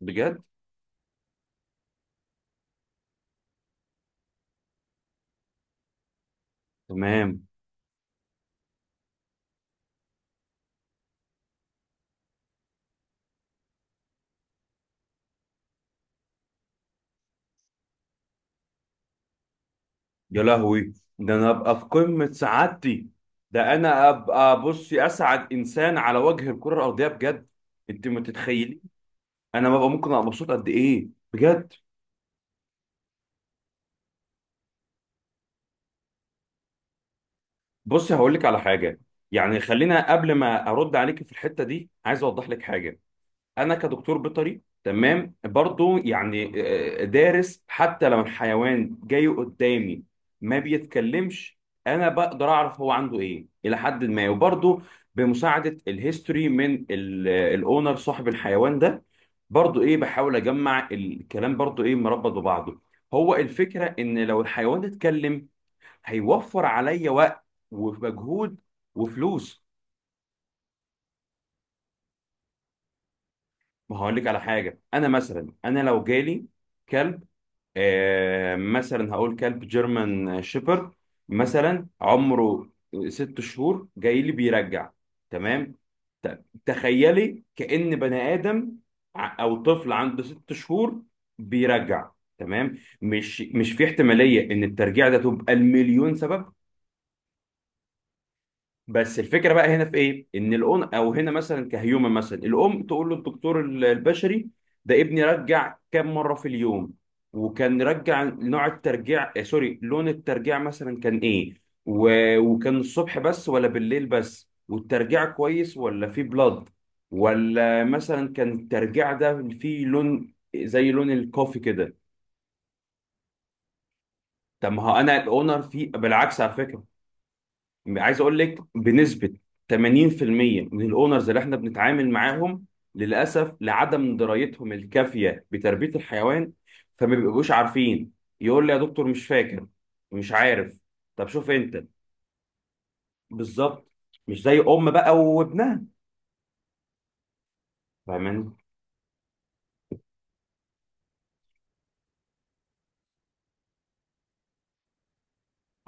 بجد. تمام. يا لهوي، ده انا ابقى في قمة سعادتي. ده انا ابقى، بصي، اسعد انسان على وجه الكرة الارضية، بجد. انت ما تتخيلي انا ببقى ممكن ابقى مبسوط قد ايه، بجد. بصي هقول لك على حاجة. يعني خلينا قبل ما ارد عليك في الحتة دي، عايز اوضح لك حاجة. انا كدكتور بيطري، تمام، برضو يعني دارس. حتى لو الحيوان جاي قدامي ما بيتكلمش، انا بقدر اعرف هو عنده ايه الى حد ما. وبرضو بمساعدة الهيستوري من الاونر صاحب الحيوان ده، برضو ايه بحاول اجمع الكلام برضو ايه مربط ببعضه. هو الفكرة ان لو الحيوان اتكلم هيوفر عليا وقت ومجهود وفلوس. ما هقول لك على حاجة، انا مثلا، انا لو جالي كلب، مثلا هقول كلب جيرمان شيبرد، مثلا عمره 6 شهور جاي لي بيرجع. تمام. تخيلي كأن بني آدم، أو طفل عنده 6 شهور بيرجع. تمام. مش في احتمالية إن الترجيع ده تبقى المليون سبب؟ بس الفكره بقى هنا في ايه، ان الام، او هنا مثلا كهيومن، مثلا الام تقول له الدكتور البشري: ده ابني رجع كم مره في اليوم، وكان رجع، نوع الترجيع، سوري، لون الترجيع مثلا كان ايه، و... وكان الصبح بس ولا بالليل بس، والترجيع كويس ولا فيه بلاد، ولا مثلا كان الترجيع ده فيه لون زي لون الكوفي كده. طب ما هو انا الاونر فيه بالعكس على فكره. عايز اقول لك، بنسبه 80% من الاونرز اللي احنا بنتعامل معاهم، للاسف لعدم درايتهم الكافيه بتربيه الحيوان، فما بيبقوش عارفين. يقول لي: يا دكتور مش فاكر، مش عارف. طب شوف انت. بالظبط. مش زي ام بقى وابنها. فاهم.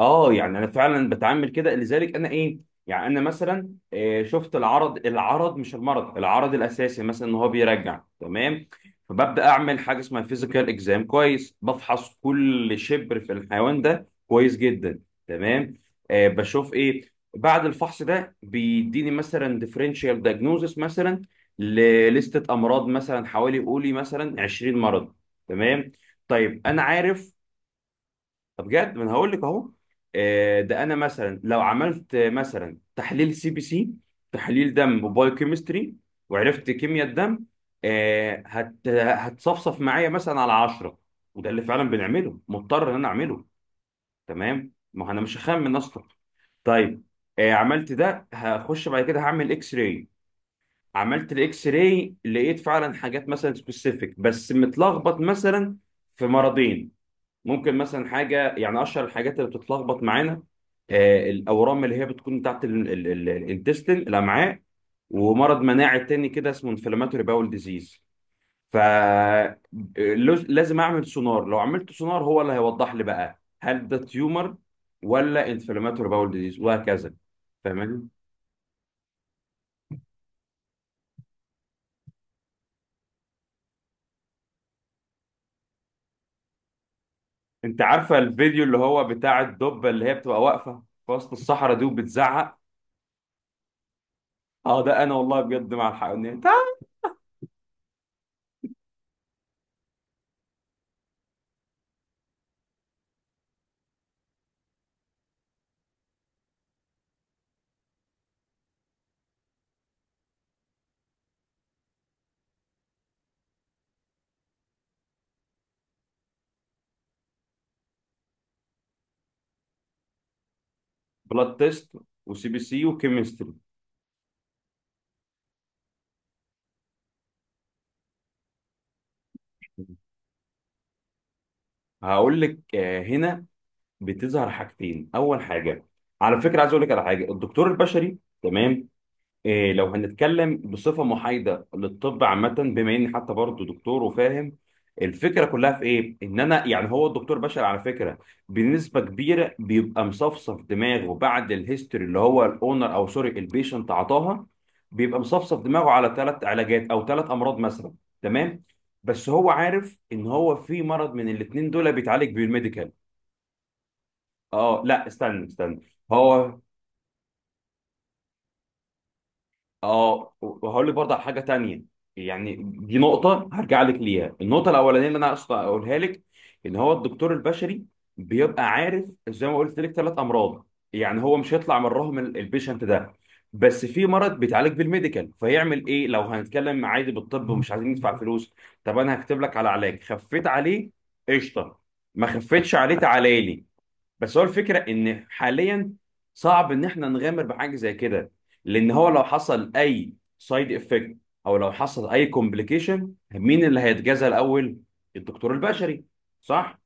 اه، يعني انا فعلا بتعامل كده، لذلك انا ايه، يعني انا مثلا شفت العرض، العرض مش المرض، العرض الاساسي مثلا ان هو بيرجع، تمام. فببدا اعمل حاجه اسمها فيزيكال اكزام، كويس، بفحص كل شبر في الحيوان ده كويس جدا. تمام. آه بشوف ايه. بعد الفحص ده بيديني مثلا ديفرنشال دايجنوزس مثلا لليستة امراض، مثلا حوالي، قولي مثلا، 20 مرض. تمام. طيب انا عارف. طب بجد، ما انا هقول لك اهو. ده انا مثلا لو عملت مثلا تحليل سي بي سي، تحليل دم وبايو كيمستري، وعرفت كيمياء الدم، هتصفصف معايا مثلا على 10. وده اللي فعلا بنعمله، مضطر ان انا اعمله. تمام. ما هو انا مش هخمن اصلا. طيب. عملت ده، هخش بعد كده هعمل اكس راي. عملت الاكس راي، لقيت فعلا حاجات مثلا سبيسيفيك بس متلخبط مثلا في مرضين. ممكن مثلا حاجه، يعني اشهر الحاجات اللي بتتلخبط معانا الاورام اللي هي بتكون بتاعت الانتستين الامعاء، ومرض مناعي تاني كده اسمه انفلاماتوري باول ديزيز. ف لازم اعمل سونار. لو عملت سونار، هو اللي هيوضح لي بقى هل ده تيومر ولا انفلاماتوري باول ديزيز، وهكذا. فاهماني. انت عارفه الفيديو اللي هو بتاع الدبه اللي هي بتبقى واقفه في وسط الصحراء دي وبتزعق؟ اه، ده انا والله بجد مع الحق. بلاد تيست، وسي بي سي وكيمستري. هقول لك هنا بتظهر حاجتين. اول حاجه، على فكره، عايز اقول لك على حاجه، الدكتور البشري، تمام، إيه لو هنتكلم بصفة محايدة للطب عامة، بما إني حتى برضه دكتور وفاهم الفكرة كلها في إيه؟ إن أنا، يعني هو الدكتور بشر على فكرة، بنسبة كبيرة بيبقى مصفصف دماغه بعد الهيستوري اللي هو الأونر أو سوري البيشنت عطاها. بيبقى مصفصف دماغه على ثلاث علاجات أو ثلاث أمراض مثلا. تمام؟ بس هو عارف إن هو في مرض من الاتنين دول بيتعالج بالميديكال. آه لا، استنى استنى. هو، اه، وهقول لك برضه على حاجه تانية. يعني دي نقطه هرجع لك ليها. النقطه الاولانيه اللي انا اقصد اقولها لك ان هو الدكتور البشري بيبقى عارف زي ما قلت لك ثلاث امراض. يعني هو مش هيطلع مرهم البيشنت ده، بس في مرض بيتعالج بالميديكال. فيعمل ايه لو هنتكلم عادي بالطب ومش عايزين ندفع فلوس؟ طب انا هكتب لك على علاج، خفيت عليه قشطه، ما خفيتش عليه تعالى لي. بس هو الفكره ان حاليا صعب ان احنا نغامر بحاجه زي كده، لان هو لو حصل اي سايد افكت او لو حصل اي كومبليكيشن، مين اللي هيتجازى الاول؟ الدكتور البشري. صح.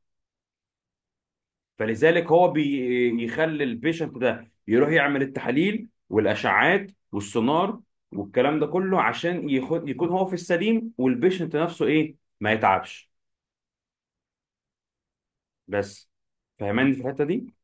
فلذلك هو بيخلي البيشنت ده يروح يعمل التحاليل والاشعاعات والسونار والكلام ده كله عشان يخد يكون هو في السليم، والبيشنت نفسه ايه ما يتعبش. بس. فاهماني في الحته دي.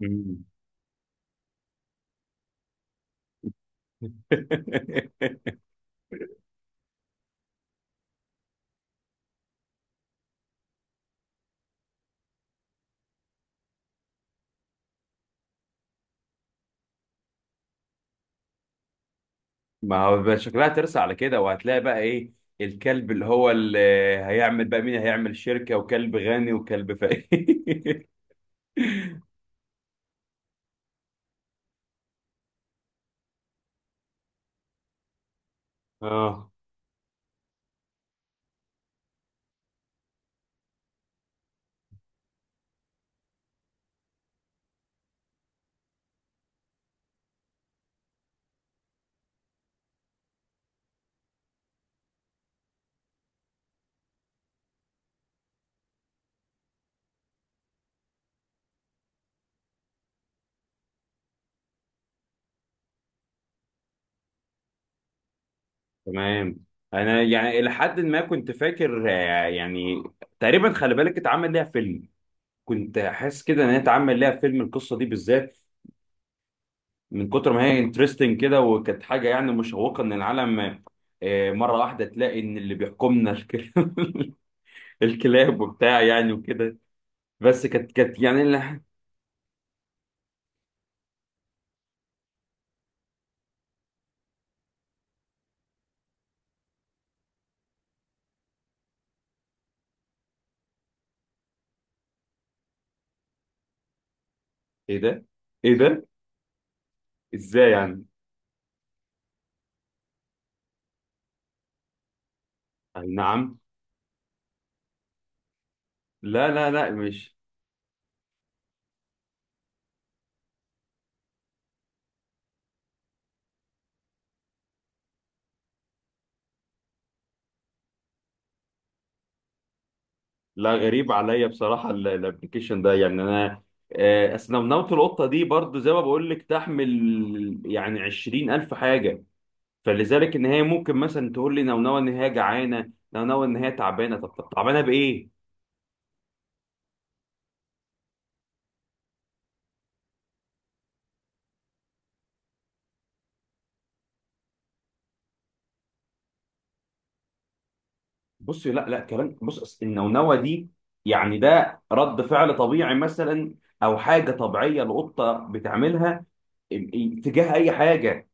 مم. ما هو بقى شكلها ترسى على كده، وهتلاقي بقى ايه الكلب اللي هو اللي هيعمل بقى، مين هيعمل شركة، وكلب غني وكلب فقير. اه تمام. انا يعني الى حد ما كنت فاكر يعني تقريبا خلي بالك اتعمل ليها فيلم. كنت حاسس كده ان هي اتعمل ليها فيلم، القصة دي بالذات، من كتر ما هي انترستنج كده، وكانت حاجة يعني مشوقة ان العالم مرة واحدة تلاقي ان اللي بيحكمنا الكلاب. الكلاب وبتاع يعني وكده. بس كانت يعني. ايه ده، ايه ده. ازاي يعني؟ اي نعم. لا لا لا، مش. لا، غريب عليا بصراحه الابلكيشن ده. يعني انا، اصل نونوت القطه دي برضو زي ما بقول لك تحمل يعني 20,000 حاجه. فلذلك ان هي ممكن مثلا تقول لي نونوه ان هي جعانه، نونوه ان هي تعبانه. طب تعبانه بايه؟ بصي، لا لا، كلام. بص، أصل النونوه دي يعني ده رد فعل طبيعي مثلا، او حاجه طبيعيه القطه بتعملها تجاه اي حاجه.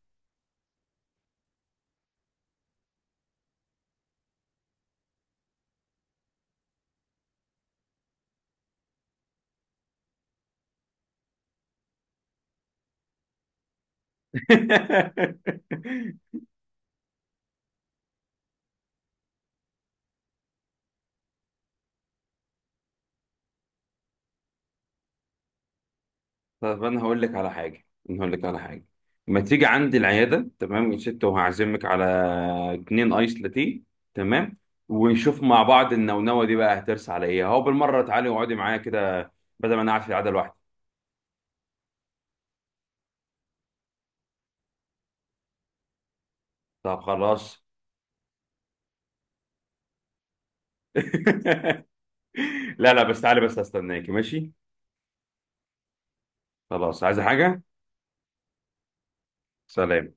طب انا هقول لك على حاجه، انا هقول لك على حاجه، ما تيجي عندي العياده، تمام يا ست، وهعزمك على اتنين ايس لاتيه. تمام. ونشوف مع بعض النونوه دي بقى هترس على ايه. اهو بالمره تعالي واقعدي معايا كده، بدل ما انا قاعد في العياده لوحدي. طب خلاص. لا لا، بس تعالي، بس هستناكي. ماشي. خلاص، عايزه حاجه؟ سلام.